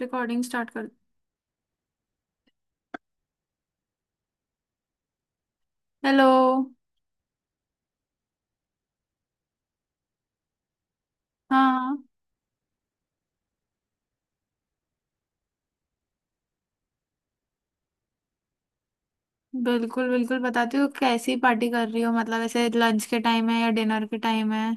Recording start कर। Hello. हाँ। बिल्कुल बिल्कुल, बताती हूँ। कैसी पार्टी कर रही हो? मतलब ऐसे लंच के टाइम है या डिनर के टाइम है?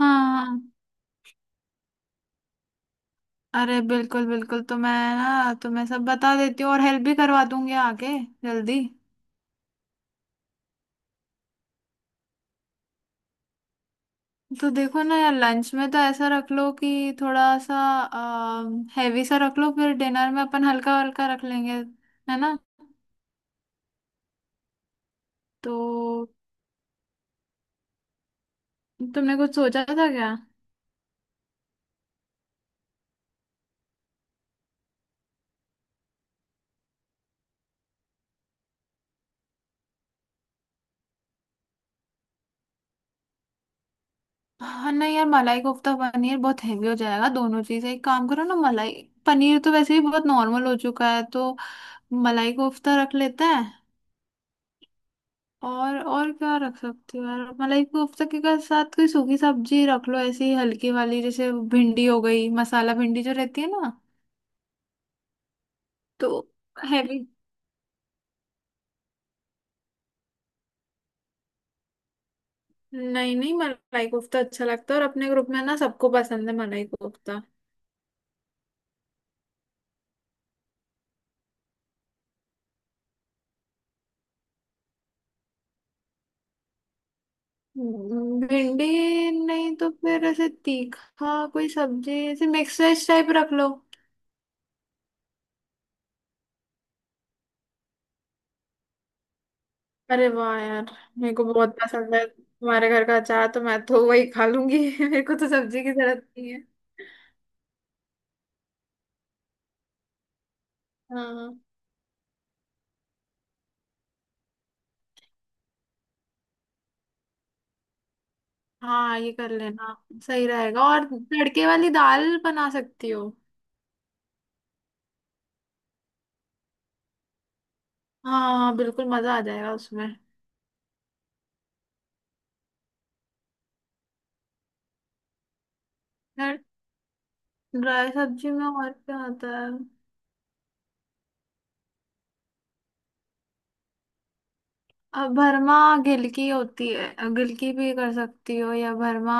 हाँ। अरे बिल्कुल बिल्कुल, तो मैं ना तुम्हें सब बता देती हूँ और हेल्प भी करवा दूंगी आके। जल्दी। तो देखो ना यार, लंच में तो ऐसा रख लो कि थोड़ा सा हैवी सा रख लो, फिर डिनर में अपन हल्का हल्का रख लेंगे, है ना। तो तुमने कुछ सोचा था क्या? हाँ, नहीं यार, मलाई कोफ्ता पनीर बहुत हेवी हो जाएगा दोनों चीजें। एक काम करो ना, मलाई पनीर तो वैसे भी बहुत नॉर्मल हो चुका है, तो मलाई कोफ्ता रख लेते हैं। और क्या रख सकते हो यार? मलाई कोफ्ता के साथ कोई सूखी सब्जी रख लो, ऐसी हल्की वाली, जैसे भिंडी हो गई, मसाला भिंडी जो रहती है ना। तो हैवी। नहीं नहीं, मलाई कोफ्ता अच्छा लगता है, और अपने ग्रुप में ना सबको पसंद है मलाई कोफ्ता। भिंडी, नहीं तो फिर ऐसे तीखा कोई सब्जी ऐसे मिक्स वेज टाइप रख लो। अरे वाह यार। मेरे को बहुत पसंद है तुम्हारे घर का अचार, तो मैं तो वही खा लूंगी। मेरे को तो सब्जी की जरूरत नहीं है। हाँ हाँ, ये कर लेना। सही रहेगा, और तड़के वाली दाल बना सकती हो। हाँ हाँ बिल्कुल, मजा आ जाएगा उसमें। फिर ड्राई सब्जी में और क्या आता है? अब भरमा गिलकी होती है, गिलकी भी कर सकती हो, या भरमा।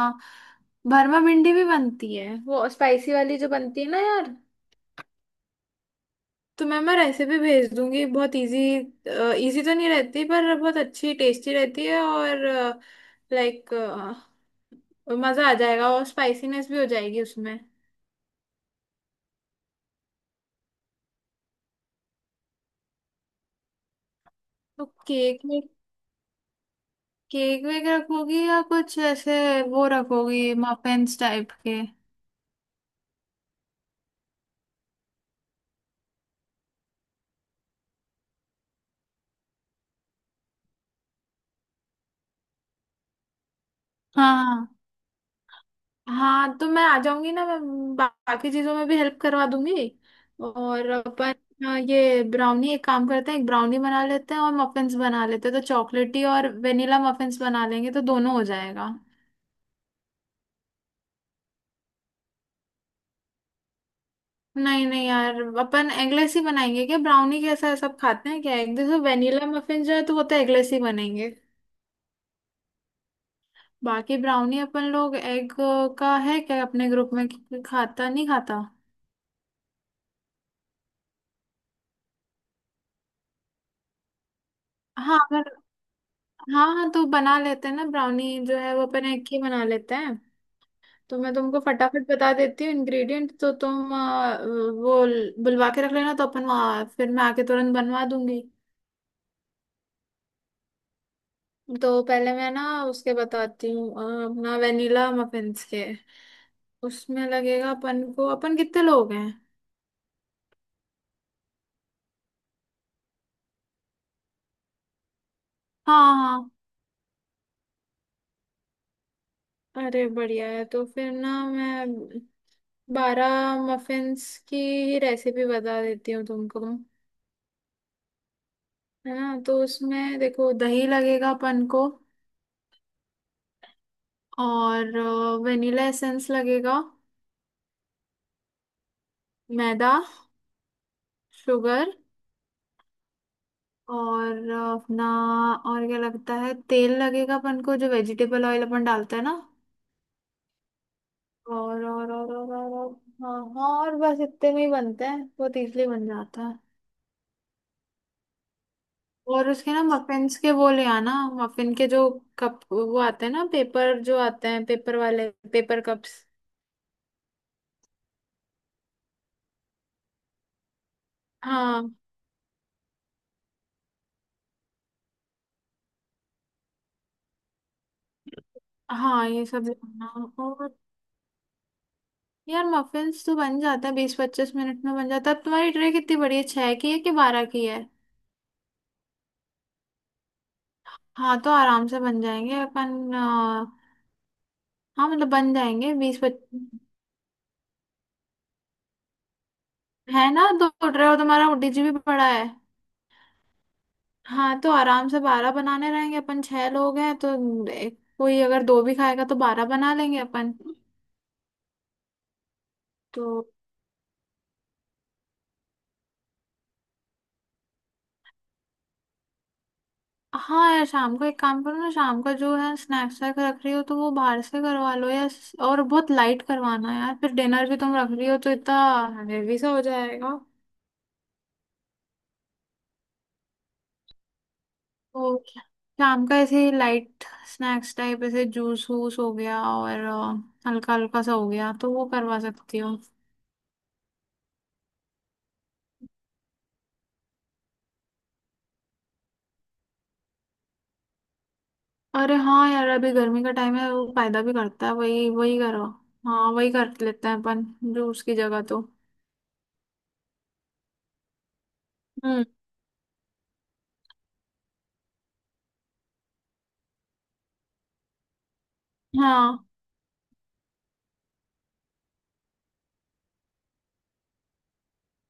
भरमा भिंडी भी बनती है वो स्पाइसी वाली जो बनती है ना यार। तो मैं रेसिपी भेज दूंगी, बहुत इजी। इजी तो नहीं रहती पर बहुत अच्छी टेस्टी रहती है, और लाइक मजा आ जाएगा, और स्पाइसीनेस भी हो जाएगी उसमें। तो केक में, केक वेक रखोगी या कुछ ऐसे वो रखोगी, मफिन्स टाइप के? हाँ हाँ। हाँ, तो मैं आ जाऊंगी ना, मैं बाकी चीजों में भी हेल्प करवा दूंगी। और अपन, ये ब्राउनी, एक काम करते हैं, एक ब्राउनी बना लेते हैं और मफिन्स बना लेते हैं, तो चॉकलेटी और वेनिला मफिन्स बना लेंगे, तो दोनों हो जाएगा। नहीं नहीं यार, अपन एगलेस ही बनाएंगे क्या ब्राउनी? कैसा है, सब खाते हैं क्या? एक देखो, वेनिला मफिन जो है तो वो तो एगलेस ही बनेंगे। बाकी ब्राउनी अपन लोग एग का है क्या अपने ग्रुप में कि खाता नहीं खाता? हाँ अगर, हाँ हाँ, तो बना लेते हैं ना, ब्राउनी जो है वो अपन एक ही बना लेते हैं। तो मैं तुमको फटाफट बता देती हूँ इंग्रेडिएंट, तो तुम वो बुलवा के रख लेना, तो अपन वहाँ फिर मैं आके तुरंत बनवा दूंगी। तो पहले मैं ना उसके बताती हूँ, अपना वेनिला मफिन्स के उसमें लगेगा अपन को। अपन कितने लोग हैं? हाँ हाँ। अरे बढ़िया है, तो फिर ना मैं 12 मफिन्स की रेसिपी बता देती हूँ तुमको। है ना? तो उसमें देखो, दही लगेगा अपन को। और वेनिला एसेंस लगेगा, मैदा, शुगर, और अपना और क्या लगता है, तेल लगेगा अपन को जो वेजिटेबल ऑयल अपन डालते हैं ना। और हाँ हाँ, और बस इतने में ही बनते हैं, बहुत इजली बन जाता है। और उसके ना मफिन्स के वो ले आना, मफिन के जो कप वो आते हैं ना, पेपर जो आते हैं, पेपर वाले, पेपर कप्स। हाँ हाँ, ये सब लेना यार। मफिन्स तो बन जाता है, 20-25 मिनट में बन जाता है। अब तुम्हारी ट्रे कितनी बड़ी है, 6 की है कि 12 की है? हाँ तो आराम से बन जाएंगे अपन, हाँ मतलब बन जाएंगे 20-25। है ना, 2 ट्रे, और तुम्हारा डीजी भी बड़ा है। हाँ, तो आराम से 12 बनाने रहेंगे अपन, 6 लोग हैं तो। कोई अगर दो भी खाएगा तो 12 बना लेंगे अपन। तो हाँ यार, शाम को एक काम करो ना, शाम का जो है स्नैक्स वैक रख रही हो, तो वो बाहर से करवा लो यार। और बहुत लाइट करवाना यार, फिर डिनर भी तुम रख रही हो, तो इतना हेवी सा हो जाएगा। तो शाम का ऐसे लाइट स्नैक्स टाइप, ऐसे जूस वूस हो गया और हल्का हल्का सा हो गया, तो वो करवा सकती हो। अरे हाँ यार, अभी गर्मी का टाइम है, वो फायदा भी करता है। वही वही करो। हाँ, वही कर लेते हैं अपन, जूस की जगह तो। हम्म। हाँ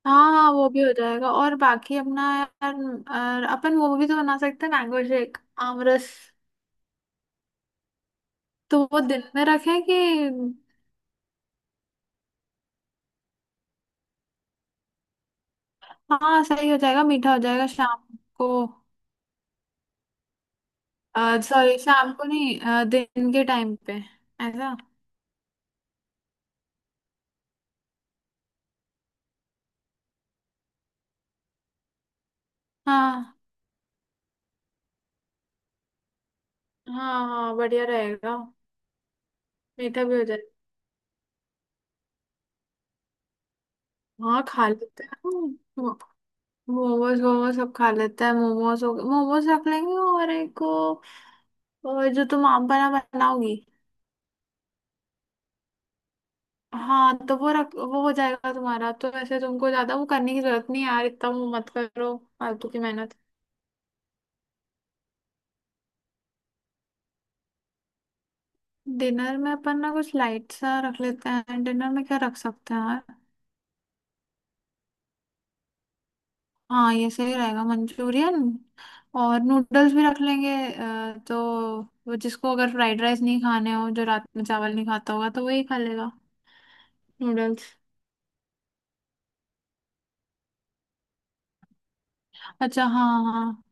हाँ हाँ, वो भी हो जाएगा, और बाकी अपना यार। और अपन वो भी तो बना सकते हैं, मैंगो शेक, आमरस। तो वो दिन में रखें कि? हाँ, सही हो जाएगा, मीठा हो जाएगा शाम को। सॉरी, शाम को नहीं, दिन के टाइम पे, ऐसा। हाँ हाँ हाँ, बढ़िया रहेगा, मीठा भी हो जाएगा। हाँ खा लेते हैं, मो- मोमोज वोमोज सब खा लेते हैं, मोमोज हो मोमोज रख लेंगे, और एक वो, जो तुम आप बना बनाओगी। हाँ, तो वो रख, वो हो जाएगा तुम्हारा तो। ऐसे तुमको ज्यादा वो करने की जरूरत नहीं है यार, इतना वो मत करो, फालतू की मेहनत। डिनर में अपन ना कुछ लाइट सा रख लेते हैं। डिनर में क्या रख सकते हैं यार? हाँ, ये सही रहेगा मंचूरियन। और नूडल्स भी रख लेंगे, तो वो, जिसको अगर फ्राइड राइस नहीं खाने हो, जो रात में चावल नहीं खाता होगा, तो वही खा लेगा। नूडल्स। अच्छा हाँ हाँ,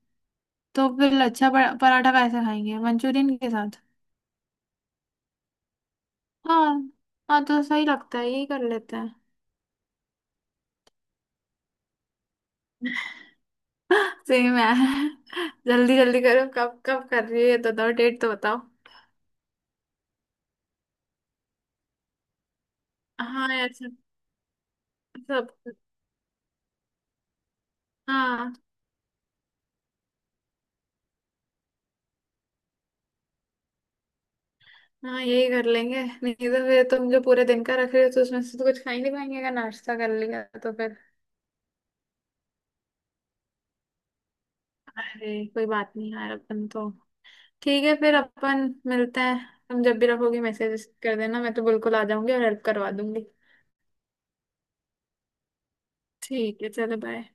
तो फिर लच्छा पराठा कैसे खाएंगे मंचूरियन के साथ? हाँ हाँ, तो सही लगता है, यही कर लेते हैं। सही में। जल्दी जल्दी करो, कब कब कर रही है ये, तो 2 डेट तो बताओ। हाँ यार सब, सब। हाँ हाँ, यही कर लेंगे, नहीं तो फिर तुम जो पूरे दिन का रख रहे हो, तो उसमें से तो कुछ खा ही नहीं पाएंगे, अगर नाश्ता कर लिया तो फिर। अरे कोई बात नहीं यार, अपन तो। ठीक है, फिर अपन मिलते हैं। तुम जब भी रखोगी मैसेज कर देना, मैं तो बिल्कुल आ जाऊंगी और हेल्प करवा दूंगी। ठीक है, चलो बाय।